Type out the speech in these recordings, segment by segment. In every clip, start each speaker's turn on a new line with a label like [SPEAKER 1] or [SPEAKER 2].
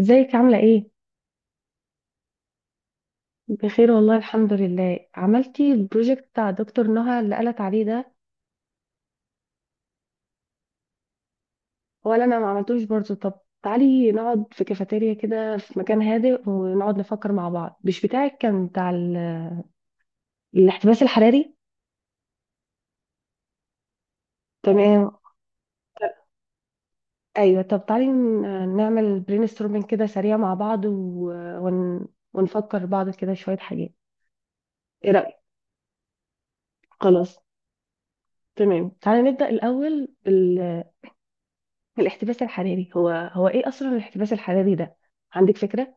[SPEAKER 1] ازيك عاملة ايه؟ بخير والله الحمد لله عملتي البروجكت بتاع دكتور نهى اللي قالت عليه ده. هو اللي انا ما عملتوش برضه. طب تعالي نقعد في كافيتيريا كده في مكان هادئ ونقعد نفكر مع بعض. مش بتاعك كان بتاع الاحتباس الحراري؟ تمام، ايوه. طب تعالي نعمل برين ستورمنج كده سريع مع بعض، ون... ونفكر بعض كده شوية حاجات. ايه رأيك؟ خلاص، تمام، تعالي نبدأ الأول. الاحتباس الحراري هو هو ايه اصلا الاحتباس الحراري ده؟ عندك فكرة؟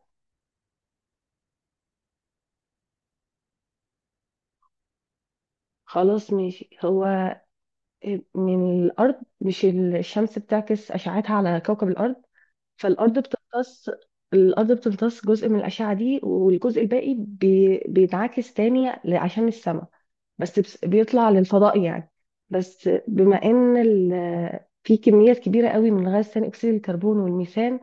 [SPEAKER 1] خلاص ماشي. هو من الارض، مش الشمس بتعكس اشعتها على كوكب الارض، فالارض بتمتص. الارض بتمتص جزء من الاشعة دي، والجزء الباقي بينعكس تاني عشان السماء، بس بيطلع للفضاء يعني. بس بما ان في كميات كبيرة قوي من غاز ثاني أكسيد الكربون والميثان،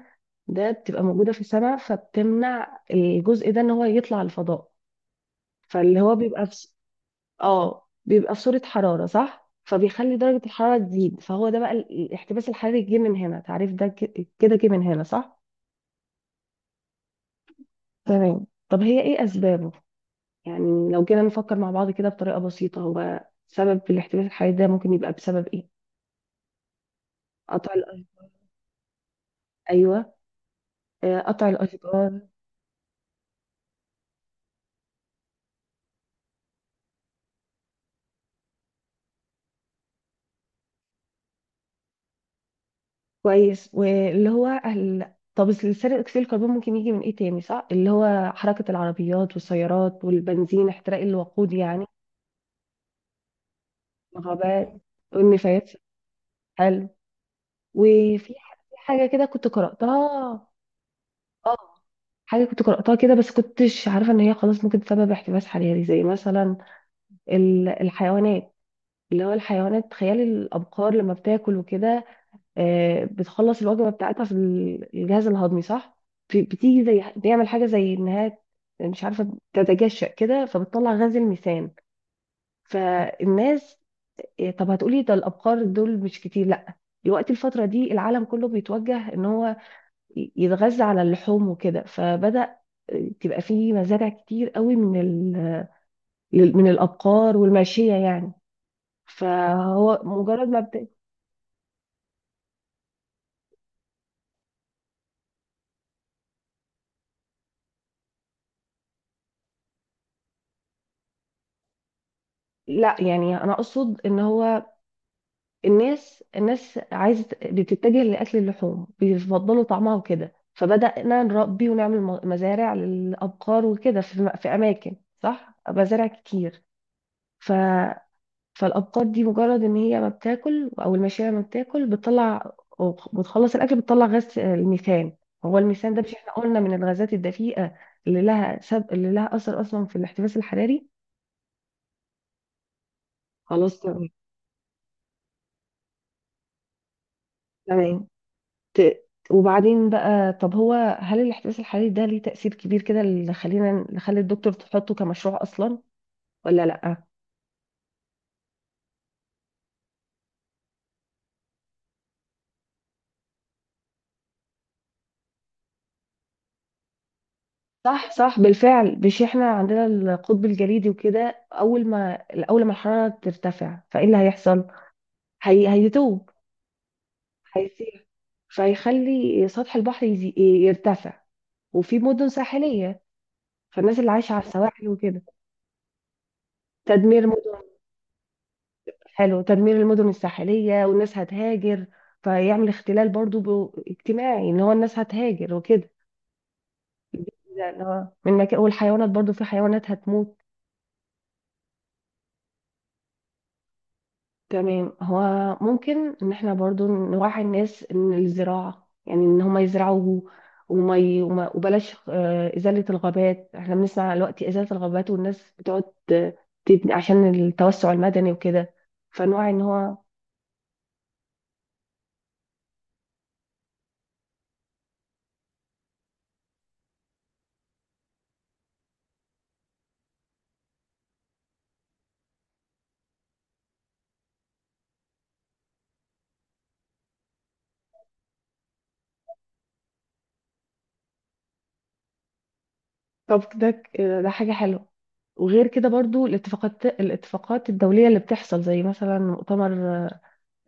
[SPEAKER 1] ده بتبقى موجودة في السماء فبتمنع الجزء ده إن هو يطلع الفضاء. فاللي هو بيبقى في اه، بيبقى في صورة حرارة صح، فبيخلي درجة الحرارة تزيد. فهو ده بقى الاحتباس الحراري، جه من هنا تعريف ده، كده جه من هنا صح. تمام، طب هي ايه اسبابه؟ يعني لو جينا نفكر مع بعض كده بطريقة بسيطة، هو سبب الاحتباس الحراري ده ممكن يبقى بسبب ايه؟ قطع الأ- ايوه، قطع الاشجار. كويس، واللي هو طب ثاني اكسيد الكربون ممكن يجي من ايه تاني؟ صح، اللي هو حركة العربيات والسيارات والبنزين، احتراق الوقود يعني. ما هو بقى والنفايات. حلو، وفي في حاجة كده كنت قرأتها. اه، حاجة كنت قرأتها كده بس كنتش عارفة ان هي خلاص ممكن تسبب احتباس حراري، زي مثلا الحيوانات. اللي هو الحيوانات، تخيل الأبقار لما بتاكل وكده، بتخلص الوجبة بتاعتها في الجهاز الهضمي صح؟ بتيجي زي، بيعمل حاجة زي انها مش عارفة تتجشأ كده، فبتطلع غاز الميثان. فالناس، طب هتقولي ده الابقار دول مش كتير، لا، دلوقتي الفتره دي العالم كله بيتوجه ان هو يتغذى على اللحوم وكده، فبدا تبقى فيه مزارع كتير قوي من من الابقار والماشيه يعني. فهو مجرد ما لا يعني انا اقصد ان هو الناس عايزه بتتجه لاكل اللحوم، بيفضلوا طعمها وكده، فبدانا نربي ونعمل مزارع للابقار وكده في، في اماكن، صح، مزارع كتير. فالابقار دي مجرد ان هي ما بتاكل او الماشيه ما بتاكل، بتطلع وبتخلص الاكل بتطلع غاز الميثان. هو الميثان ده مش احنا قلنا من الغازات الدفيئه اللي لها اللي لها اثر اصلا في الاحتباس الحراري. خلاص، تمام. تمام، ت... وبعدين بقى، طب هو هل الاحتباس الحراري ده ليه تأثير كبير كده، اللي خلينا اللي خلي الدكتور تحطه كمشروع اصلا ولا لا؟ صح صح، بالفعل. مش احنا عندنا القطب الجليدي وكده، اول ما اول ما الحراره ترتفع فايه اللي هيحصل؟ هي هيدوب، هيسيح، فيخلي سطح البحر يرتفع، وفي مدن ساحلية، فالناس اللي عايشة على السواحل وكده، تدمير مدن. حلو، تدمير المدن الساحلية، والناس هتهاجر، فيعمل اختلال برضو اجتماعي ان هو الناس هتهاجر وكده. ده اللي هو من مكان، والحيوانات برضو في حيوانات هتموت. تمام. هو ممكن ان احنا برضو نوعي الناس ان الزراعة، يعني ان هم يزرعوا، وبلاش إزالة الغابات. احنا بنسمع دلوقتي إزالة الغابات، والناس بتقعد آه، تبني عشان التوسع المدني وكده، فنوعي ان هو طب ده ده حاجة حلوة. وغير كده برضو الاتفاقات، الاتفاقات الدولية اللي بتحصل، زي مثلا مؤتمر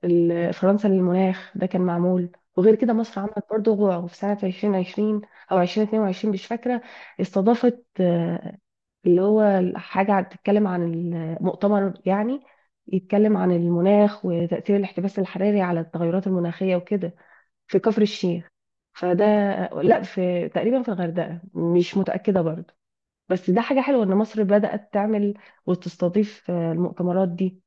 [SPEAKER 1] فرنسا للمناخ ده كان معمول. وغير كده مصر عملت برضه غوع في سنة 2020 أو 2022، مش فاكرة، استضافت اللي هو حاجة بتتكلم عن المؤتمر يعني، يتكلم عن المناخ وتأثير الاحتباس الحراري على التغيرات المناخية وكده، في كفر الشيخ. فده، لا، في تقريبا في الغردقة مش متأكدة برضه. بس ده حاجة حلوة إن مصر بدأت تعمل وتستضيف المؤتمرات دي.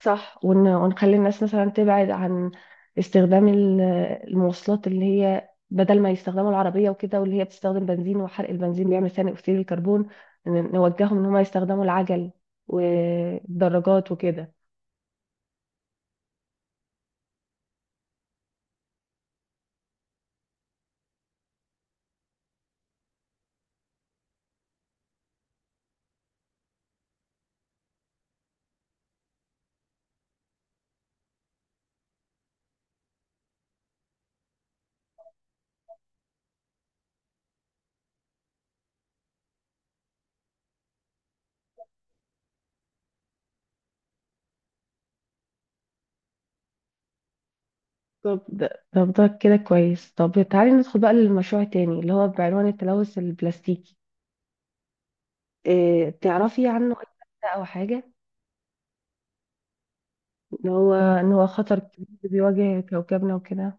[SPEAKER 1] صح، ونخلي الناس مثلا تبعد عن استخدام المواصلات، اللي هي بدل ما يستخدموا العربية وكده، واللي هي بتستخدم بنزين، وحرق البنزين بيعمل ثاني أكسيد الكربون. نوجههم إن هم يستخدموا العجل والدراجات وكده. طب ده طب ده كده كويس. طب تعالي ندخل بقى للمشروع التاني، اللي هو بعنوان التلوث البلاستيكي. إيه تعرفي عنه أي حاجة؟ أو حاجة إن هو إن هو خطر كبير بيواجه كوكبنا وكده.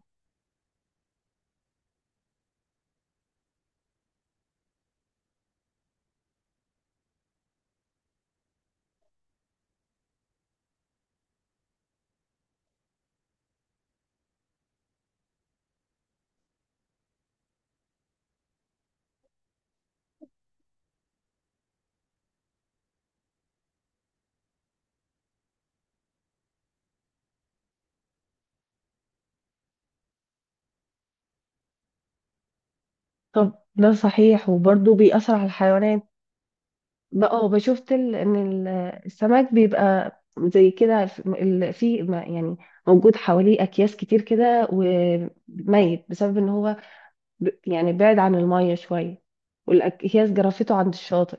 [SPEAKER 1] طب ده صحيح، وبرضه بيأثر على الحيوانات. اه، بشوفت ان السمك بيبقى زي كده في في يعني موجود حواليه اكياس كتير كده، وميت بسبب ان هو يعني بعد عن المية شوية، والاكياس جرفته عند الشاطئ.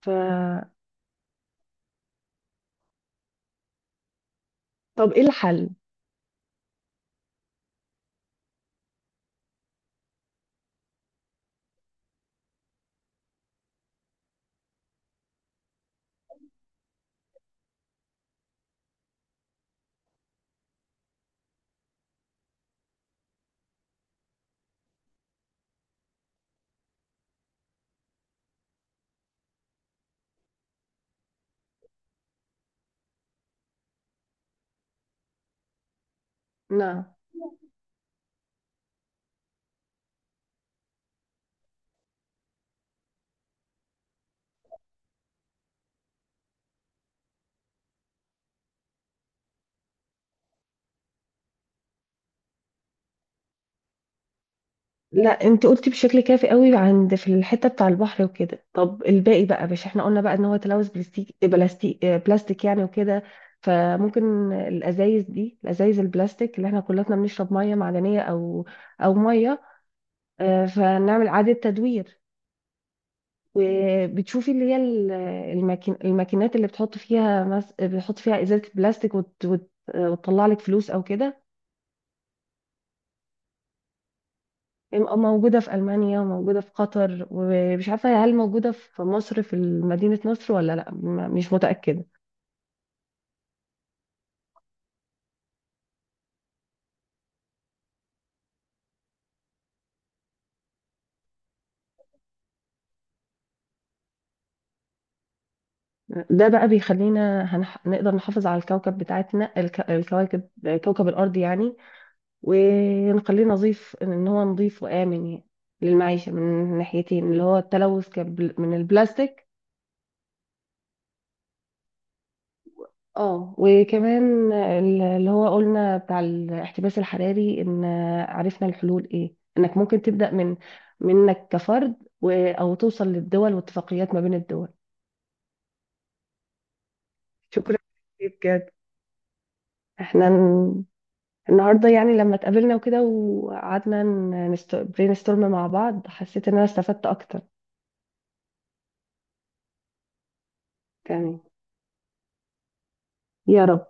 [SPEAKER 1] ف طب ايه الحل؟ نعم. لا، انت قلتي بشكل كافي قوي عند في الحته بتاع البحر وكده. طب الباقي بقى، مش احنا قلنا بقى ان هو تلوث بلاستيك، بلاستيك بلاستيك يعني وكده، فممكن الازايز دي، الازايز البلاستيك اللي احنا كلنا بنشرب ميه معدنيه او او ميه فنعمل اعاده تدوير. وبتشوفي اللي هي الماكين، الماكينات اللي بتحط فيها بتحط فيها ازازه بلاستيك وتطلع لك فلوس او كده. موجودة في ألمانيا وموجودة في قطر، ومش عارفة هل موجودة في مصر في مدينة نصر ولا لأ، مش متأكدة. ده بقى بيخلينا نقدر نحافظ على الكوكب بتاعتنا، الكواكب، كوكب الأرض يعني، ونخليه نظيف، إن هو نظيف وآمن يعني للمعيشة، من ناحيتين اللي هو التلوث من البلاستيك. اه، وكمان اللي هو قلنا بتاع الاحتباس الحراري ان عرفنا الحلول ايه، انك ممكن تبدأ من منك كفرد او توصل للدول واتفاقيات ما بين الدول. شكرا كتير بجد. احنا النهارده يعني لما اتقابلنا وكده وقعدنا برين ستورم مع بعض، حسيت ان انا استفدت اكتر يعني. يا رب.